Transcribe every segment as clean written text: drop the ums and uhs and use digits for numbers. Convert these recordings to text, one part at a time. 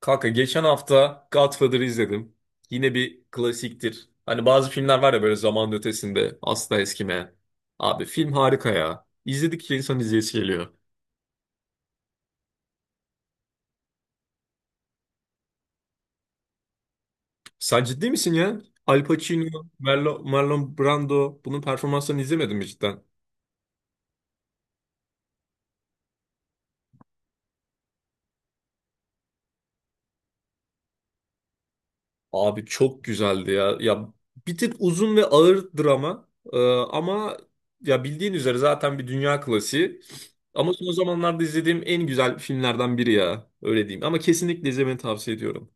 Kanka geçen hafta Godfather'ı izledim. Yine bir klasiktir. Hani bazı filmler var ya, böyle zamanın ötesinde asla eskimeyen. Abi film harika ya. İzledikçe insan izleyesi geliyor. Sen ciddi misin ya? Al Pacino, Marlon Brando, bunun performanslarını izlemedin mi cidden? Abi çok güzeldi ya. Ya bir tık uzun ve ağır drama. Ama ya bildiğin üzere zaten bir dünya klasiği. Ama son zamanlarda izlediğim en güzel filmlerden biri ya. Öyle diyeyim. Ama kesinlikle izlemeni tavsiye ediyorum.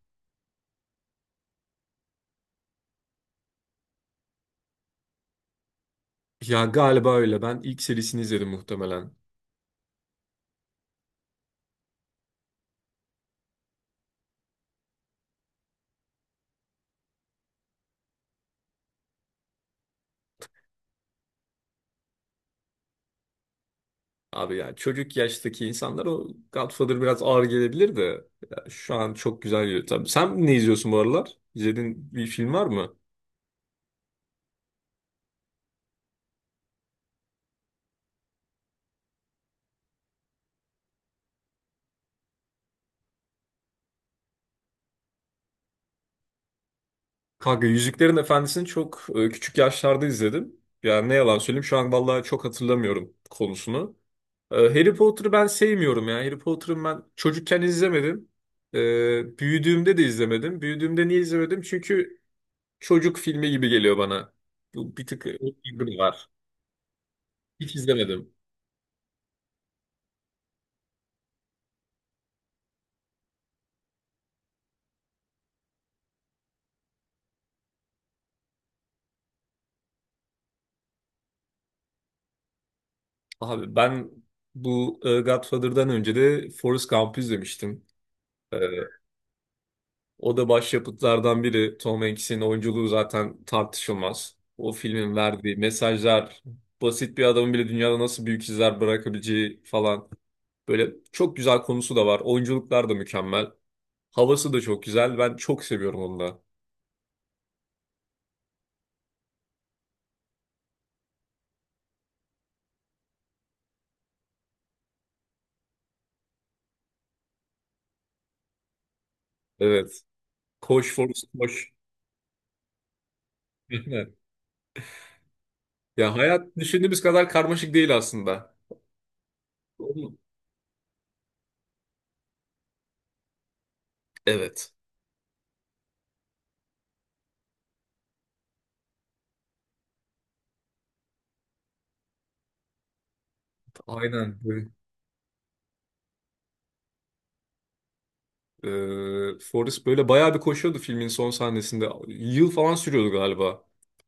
Ya galiba öyle. Ben ilk serisini izledim muhtemelen. Abi ya çocuk yaştaki insanlar, o Godfather biraz ağır gelebilir de ya şu an çok güzel geliyor. Tabii sen ne izliyorsun bu aralar? İzlediğin bir film var mı? Kanka Yüzüklerin Efendisi'ni çok küçük yaşlarda izledim. Yani ne yalan söyleyeyim, şu an vallahi çok hatırlamıyorum konusunu. Harry Potter'ı ben sevmiyorum ya. Harry Potter'ı ben çocukken izlemedim. Büyüdüğümde de izlemedim. Büyüdüğümde niye izlemedim? Çünkü çocuk filmi gibi geliyor bana. Bu bir tık ilgim var. Hiç izlemedim. Abi ben bu Godfather'dan önce de Forrest Gump'ı izlemiştim. E, O da başyapıtlardan biri. Tom Hanks'in oyunculuğu zaten tartışılmaz. O filmin verdiği mesajlar, basit bir adamın bile dünyada nasıl büyük izler bırakabileceği falan. Böyle çok güzel konusu da var. Oyunculuklar da mükemmel. Havası da çok güzel. Ben çok seviyorum onu da. Evet. Koş Forrest koş. Ya hayat düşündüğümüz kadar karmaşık değil aslında. Oğlum, evet. Aynen. Forrest böyle bayağı bir koşuyordu filmin son sahnesinde. Yıl falan sürüyordu galiba.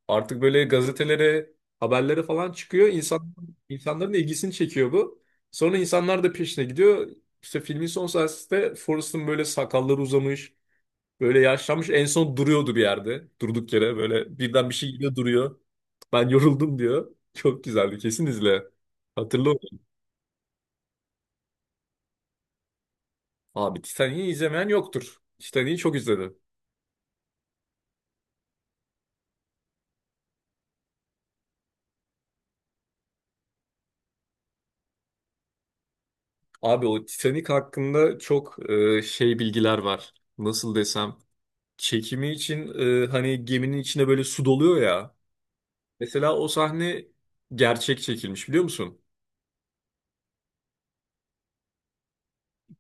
Artık böyle gazetelere, haberlere falan çıkıyor. İnsan, insanların ilgisini çekiyor bu. Sonra insanlar da peşine gidiyor. İşte filmin son sahnesinde Forrest'ın böyle sakalları uzamış, böyle yaşlanmış. En son duruyordu bir yerde. Durduk yere böyle birden bir şey geliyor, duruyor. Ben yoruldum diyor. Çok güzeldi, kesin izle. Hatırlı onu. Abi Titanic'i izlemeyen yoktur. Titanic'i çok izledim. Abi o Titanic hakkında çok şey bilgiler var. Nasıl desem, çekimi için hani geminin içine böyle su doluyor ya. Mesela o sahne gerçek çekilmiş, biliyor musun?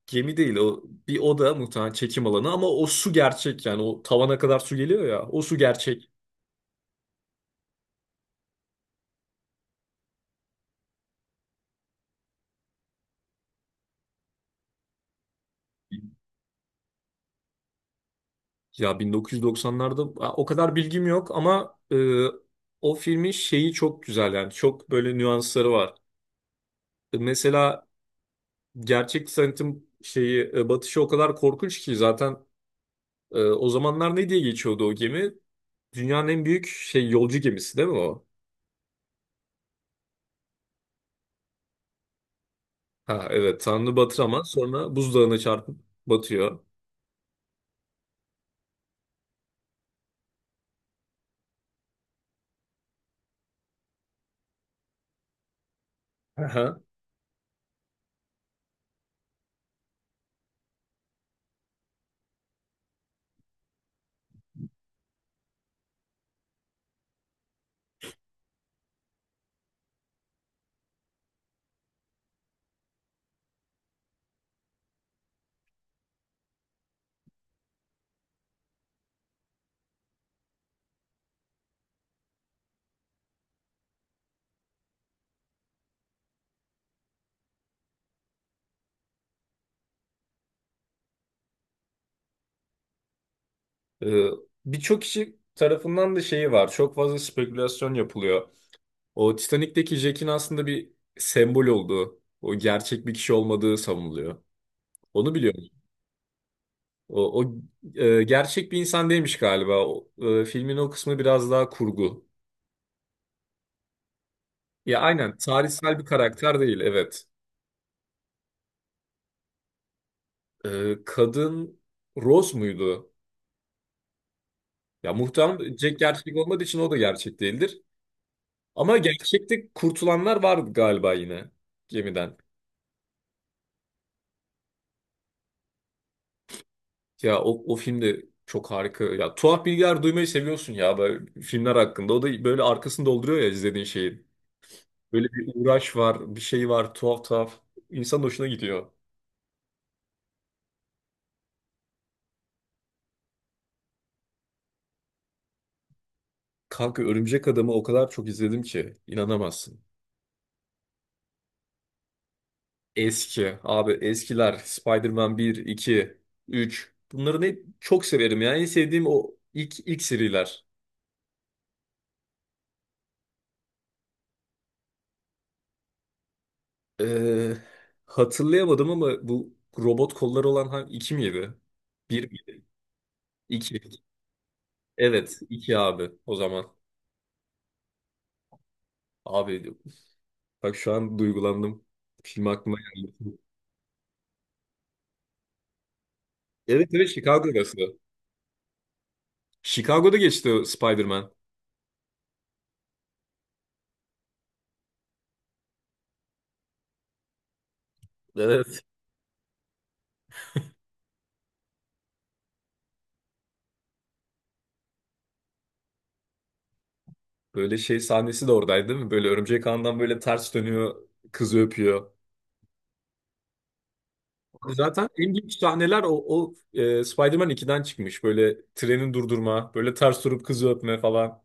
Gemi değil o, bir oda muhtemelen çekim alanı, ama o su gerçek. Yani o tavana kadar su geliyor ya, o su gerçek. Ya 1990'larda o kadar bilgim yok ama o filmin şeyi çok güzel. Yani çok böyle nüansları var. Mesela gerçek sanatın şeyi batışı o kadar korkunç ki zaten. O zamanlar ne diye geçiyordu o gemi? Dünyanın en büyük şey yolcu gemisi değil mi o? Ha evet, Tanrı batır ama sonra buzdağına çarpıp batıyor. Aha. E, Birçok kişi tarafından da şeyi var. Çok fazla spekülasyon yapılıyor. O Titanik'teki Jack'in aslında bir sembol olduğu, o gerçek bir kişi olmadığı savunuluyor. Onu biliyorum. O, o Gerçek bir insan değilmiş galiba. Filmin o kısmı biraz daha kurgu. Ya aynen, tarihsel bir karakter değil, evet. Kadın Rose muydu? Ya muhtemelen Jack gerçek olmadığı için o da gerçek değildir. Ama gerçekte kurtulanlar vardı galiba yine gemiden. Ya o film de çok harika. Ya tuhaf bilgiler duymayı seviyorsun ya böyle filmler hakkında. O da böyle arkasını dolduruyor ya izlediğin şeyin. Böyle bir uğraş var, bir şey var, tuhaf tuhaf. İnsan hoşuna gidiyor. Kanka Örümcek Adam'ı o kadar çok izledim ki inanamazsın. Eski abi, eskiler, Spider-Man 1, 2, 3, bunları hep çok severim. Yani en sevdiğim o ilk seriler. Ee, Hatırlayamadım ama bu robot kolları olan hangi, 2 miydi, bir miydi? 2. Evet 2 abi o zaman. Abi bak şu an duygulandım. Film aklıma geldi. Evet evet, Chicago'dası. Chicago'da geçti o Spider-Man. Evet. Böyle şey sahnesi de oradaydı değil mi? Böyle örümcek ağından böyle ters dönüyor, kızı öpüyor. Zaten en büyük sahneler Spider-Man 2'den çıkmış. Böyle treni durdurma, böyle ters durup kızı öpme falan.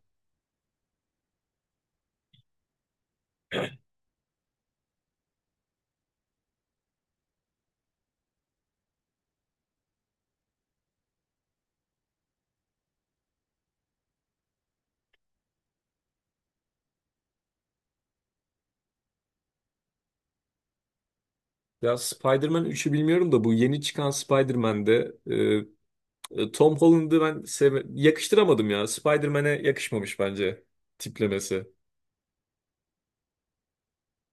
Ya Spider-Man 3'ü bilmiyorum da, bu yeni çıkan Spider-Man'de Tom Holland'ı ben yakıştıramadım ya. Spider-Man'e yakışmamış bence tiplemesi.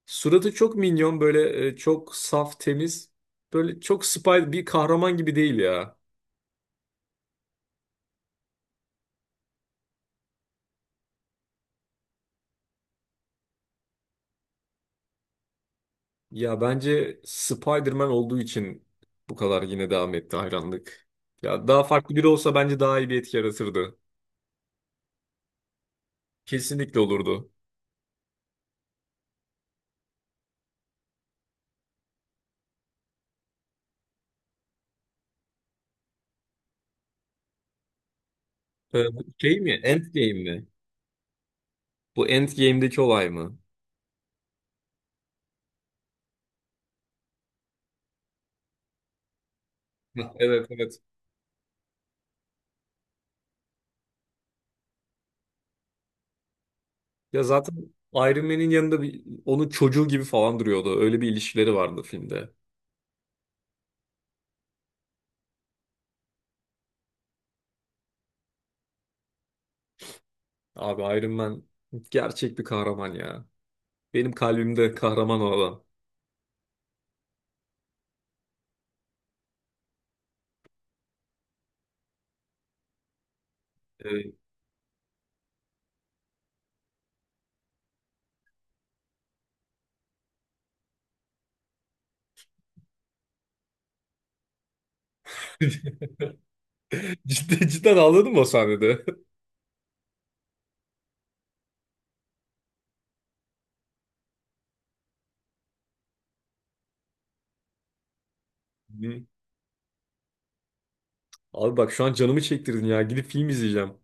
Suratı çok minyon, böyle çok saf, temiz. Böyle çok Spider bir kahraman gibi değil ya. Ya bence Spider-Man olduğu için bu kadar yine devam etti hayranlık. Ya daha farklı biri olsa bence daha iyi bir etki yaratırdı. Kesinlikle olurdu. Bu şey mi, Endgame mi? Bu Endgame'deki olay mı? Hah, evet evet. Ya zaten Iron Man'in yanında bir, onun çocuğu gibi falan duruyordu. Öyle bir ilişkileri vardı filmde. Abi Iron Man gerçek bir kahraman ya. Benim kalbimde kahraman o adam. Evet. Cidden, cidden ağladın mı o sahnede? Abi bak şu an canımı çektirdin ya. Gidip film izleyeceğim.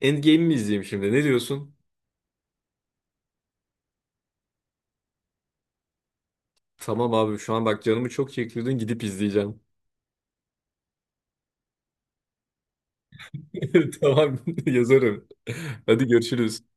Endgame mi izleyeyim şimdi? Ne diyorsun? Tamam abi şu an bak canımı çok çektirdin, gidip izleyeceğim. Tamam, yazarım. Hadi görüşürüz.